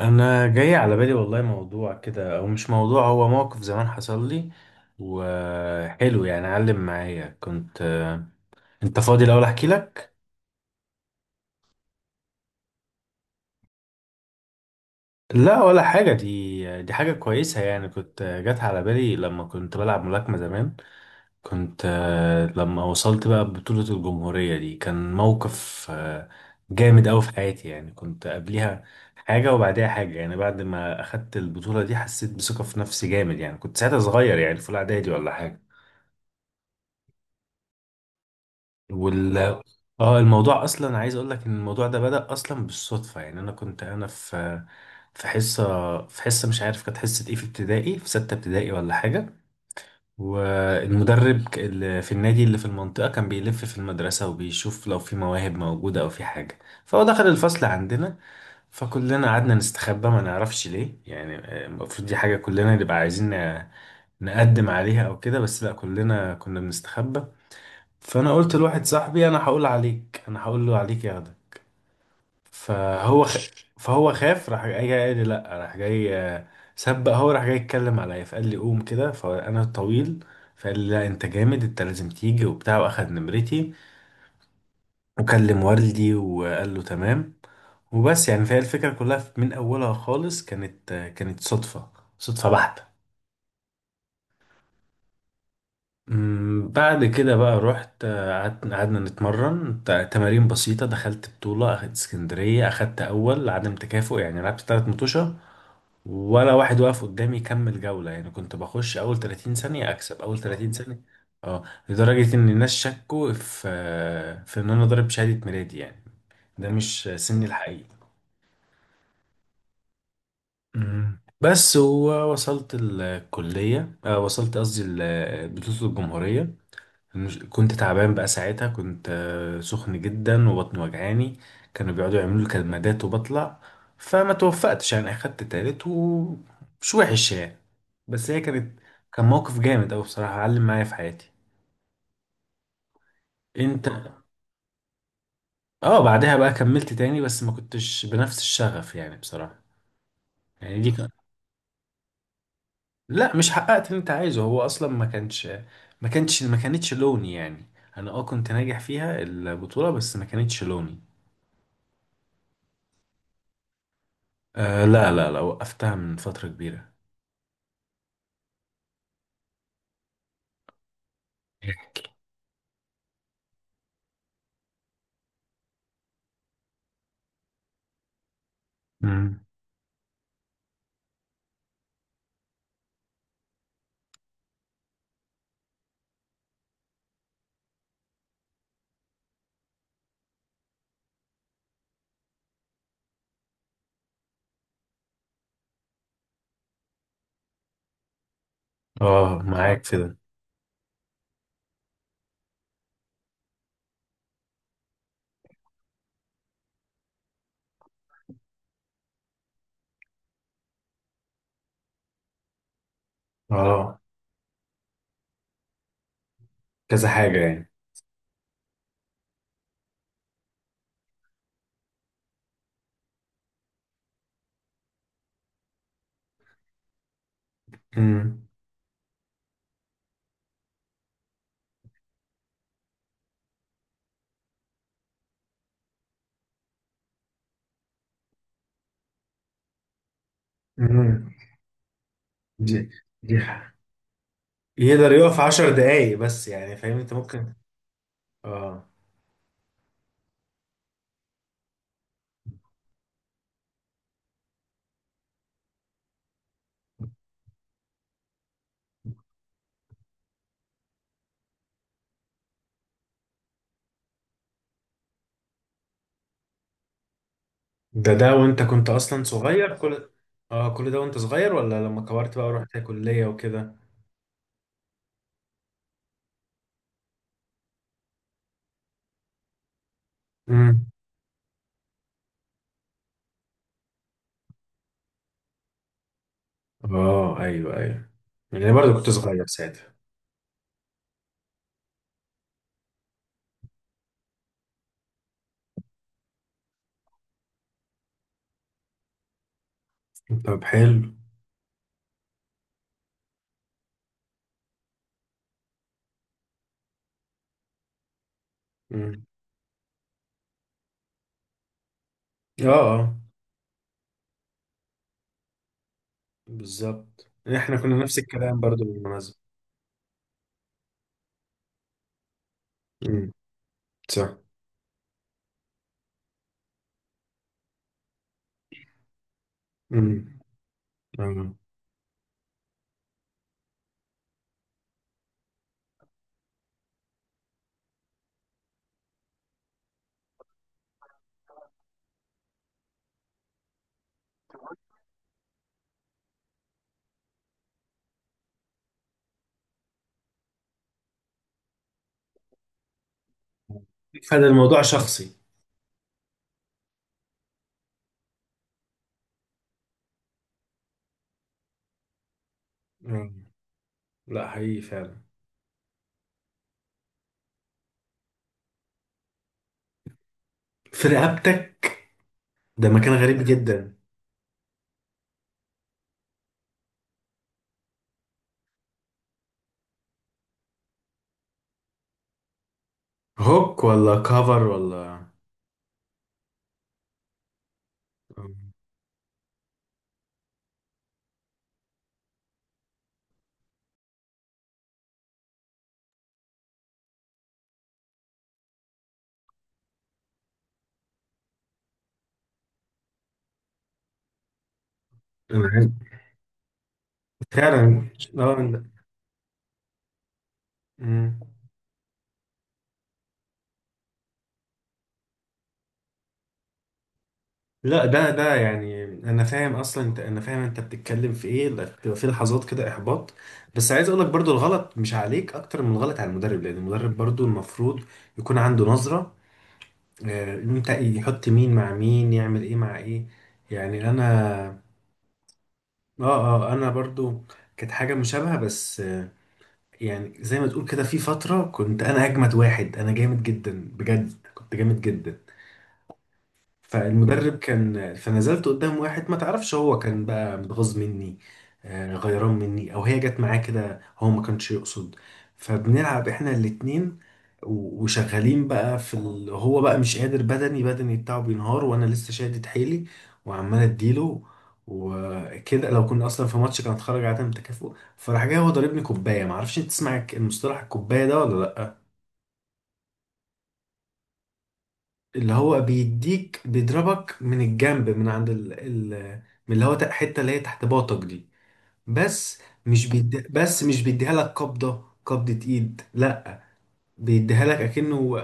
انا جاي على بالي والله موضوع كده او مش موضوع، هو موقف زمان حصل لي وحلو يعني، علم معايا. كنت انت فاضي الاول احكي لك. لا ولا حاجه، دي حاجه كويسه يعني. كنت جت على بالي لما كنت بلعب ملاكمه زمان. كنت لما وصلت بقى بطوله الجمهوريه دي، كان موقف جامد أوي في حياتي. يعني كنت قبليها حاجة وبعديها حاجة. يعني بعد ما أخدت البطولة دي حسيت بثقة في نفسي جامد. يعني كنت ساعتها صغير يعني في الإعدادي ولا حاجة. وال اه الموضوع اصلا عايز اقول لك ان الموضوع ده بدأ اصلا بالصدفة. يعني انا كنت في في حصة في حصة، مش عارف كانت حصة ايه، في ابتدائي، في ستة ابتدائي ولا حاجة. والمدرب اللي في النادي، اللي في المنطقة، كان بيلف في المدرسة وبيشوف لو في مواهب موجودة او في حاجة. فهو دخل الفصل عندنا، فكلنا قعدنا نستخبى، ما نعرفش ليه يعني. المفروض دي حاجة كلنا نبقى عايزين نقدم عليها او كده، بس لا، كلنا كنا بنستخبى. فانا قلت لواحد صاحبي انا هقول عليك، انا هقول له عليك ياخدك. فهو خ... فهو خاف، راح جاي قال لي لا. راح جاي، سبق، هو راح جاي يتكلم عليا، فقال لي قوم كده، فانا طويل. فقال لي لا، انت جامد، انت لازم تيجي وبتاع، واخد نمرتي وكلم والدي وقال له تمام وبس يعني. فهي الفكره كلها من اولها خالص كانت كانت صدفه بحته. بعد كده بقى رحت، قعدت، قعدنا نتمرن تمارين بسيطة، دخلت بطولة، أخدت اسكندرية، أخدت أول عدم تكافؤ يعني. لعبت تلات مطوشة ولا واحد واقف قدامي يكمل جولة. يعني كنت بخش أول 30 ثانية أكسب، أول 30 ثانية. اه، لدرجة إن الناس شكوا في في إن أنا ضارب شهادة ميلادي يعني، ده مش سني الحقيقي. بس ووصلت الكلية، وصلت قصدي بطولة الجمهورية، مش كنت تعبان بقى ساعتها، كنت سخن جدا وبطني وجعاني، كانوا بيقعدوا يعملوا لي كمادات وبطلع. فما توفقتش يعني، اخدت تالت ومش وحش يعني. بس هي كانت، كان موقف جامد اوي بصراحة، علم معايا في حياتي. انت؟ اه، بعدها بقى كملت تاني بس ما كنتش بنفس الشغف يعني بصراحة. يعني لا، مش حققت اللي انت عايزه، هو اصلا ما كانش، ما كانتش لوني يعني. انا اه كنت ناجح فيها البطولة بس ما كانتش لوني. آه لا لا لا، وقفتها من فترة كبيرة. امم. اه، معاك في ده. اه، كذا حاجة يعني. امم. امم. دي دي ح- يقدر يقف عشر دقايق بس يعني، فاهم انت ممكن. اه. ده وانت كنت اصلا صغير كل، اه كل ده وانت صغير ولا لما كبرت بقى ورحت كلية وكده؟ امم. اه ايوه ايوه. يعني برضه كنت صغير ساعتها. طب حلو. امم. اه اه بالظبط، احنا كنا نفس الكلام برضه بالمناسبة. امم. صح. امم. آه. فده الموضوع شخصي. آه. لا حقيقي فعلا. في رقبتك؟ ده مكان غريب جدا. هوك ولا كفر ولا؟ آه. أنا عارف. فعلا. اه أنا- مم. لا ده يعني، انا فاهم اصلا، انت، انا فاهم انت بتتكلم في ايه. لا، بتبقى في لحظات كده احباط. بس عايز اقول لك برضو، الغلط مش عليك اكتر من الغلط على المدرب، لان المدرب برضو المفروض يكون عنده نظرة انت يحط مين مع مين، يعمل ايه مع ايه. يعني انا انا برضو كانت حاجه مشابهه بس، يعني زي ما تقول كده، في فتره كنت انا اجمد واحد، انا جامد جدا بجد، كنت جامد جدا. فالمدرب كان، فنزلت قدام واحد ما تعرفش، هو كان بقى متغاظ مني غيران مني، او هي جت معاه كده، هو ما كانش يقصد. فبنلعب احنا الاتنين وشغالين بقى في هو بقى مش قادر بدني، بدني بتاعه بينهار، وانا لسه شادد حيلي وعمال اديله وكده. لو كنا اصلا في ماتش كان اتخرج عدم تكافؤ. فراح جاي هو ضاربني كوبايه، ما اعرفش انت تسمع المصطلح الكوبايه ده ولا لا. اللي هو بيديك، بيضربك من الجنب من عند من اللي هو حته اللي هي تحت باطك دي، بس مش بيديها لك قبضه، قبضه ايد لا، بيديها لك اكنه،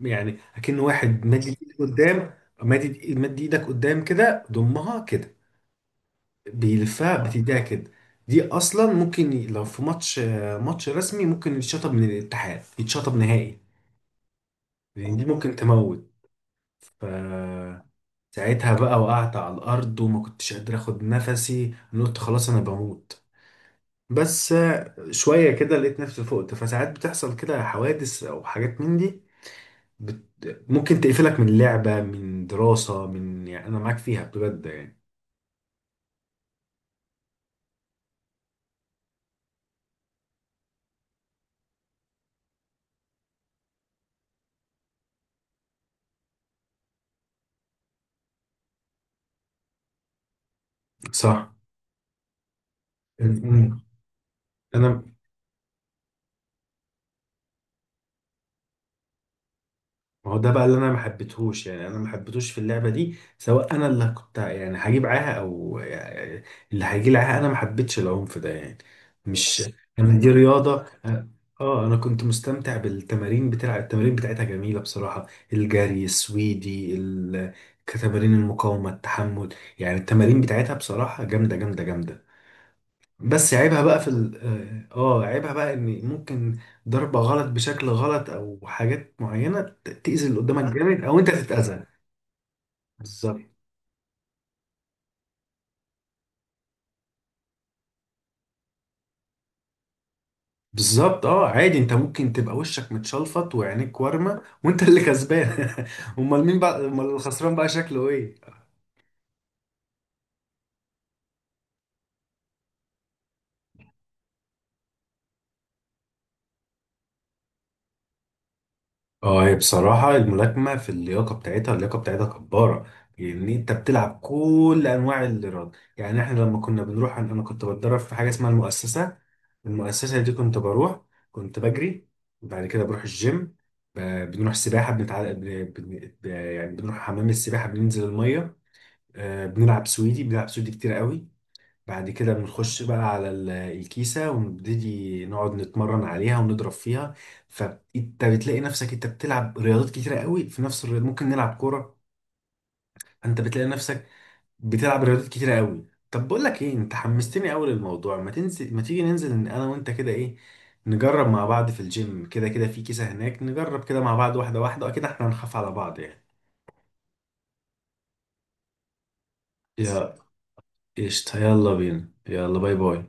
يعني اكنه واحد مادي ايدك قدام، مادي ايدك قدام كده، ضمها كده بيلفها بتديها كده. دي اصلا ممكن لو في ماتش رسمي، ممكن يتشطب من الاتحاد، يتشطب نهائي، لان دي ممكن تموت. ف ساعتها بقى وقعت على الأرض وما كنتش قادر أخد نفسي. أنا قلت خلاص أنا بموت. بس شوية كده لقيت نفسي فقت. فساعات بتحصل كده حوادث أو حاجات من دي بت... ممكن تقفلك من لعبة، من دراسة، من، يعني أنا معاك فيها بجد يعني. صح. أمم. أنا، ما هو ده بقى اللي انا ما حبيتهوش يعني. انا ما حبيتهوش في اللعبه دي، سواء انا اللي كنت يعني هجيب معاها او يعني اللي هيجي معاها، انا ما حبيتش العنف ده يعني. مش بس، انا دي رياضه اه، انا كنت مستمتع بالتمارين، بتاع التمارين بتاعتها جميله بصراحه، الجري السويدي، كتمارين المقاومه، التحمل، يعني التمارين بتاعتها بصراحه جامده. بس عيبها بقى في ال اه آه، عيبها بقى ان ممكن ضربة غلط بشكل غلط او حاجات معينة تأذي اللي قدامك جامد او انت تتأذى. بالظبط. بالظبط. اه عادي، انت ممكن تبقى وشك متشلفط وعينيك وارمة وانت اللي كسبان. امال مين بقى، امال الخسران بقى شكله ايه؟ اه، هي بصراحة الملاكمة، في اللياقة بتاعتها، اللياقة بتاعتها جبارة. يعني انت بتلعب كل انواع الايراد. يعني احنا لما كنا بنروح، أنا كنت بتدرب في حاجة اسمها المؤسسة. المؤسسة دي كنت بروح، كنت بجري، بعد كده بروح الجيم، بنروح سباحة، بنتع... بن... بن... ب- يعني بنروح حمام السباحة، بننزل المية، بنلعب سويدي، بنلعب سويدي كتير قوي. بعد كده بنخش بقى على الكيسة ونبتدي نقعد نتمرن عليها ونضرب فيها. فانت بتلاقي نفسك انت بتلعب رياضات كتيرة قوي في نفس الرياضة، ممكن نلعب كورة. فانت بتلاقي نفسك بتلعب رياضات كتيرة قوي. طب بقول لك ايه، انت حمستني قوي للموضوع، ما تنزل، ما تيجي ننزل، إن انا وانت كده ايه، نجرب مع بعض في الجيم، كده كده في كيسة هناك، نجرب كده مع بعض واحدة واحدة، واكيد احنا هنخاف على بعض يعني. يا قشطة، يلا بينا، يلا، باي باي.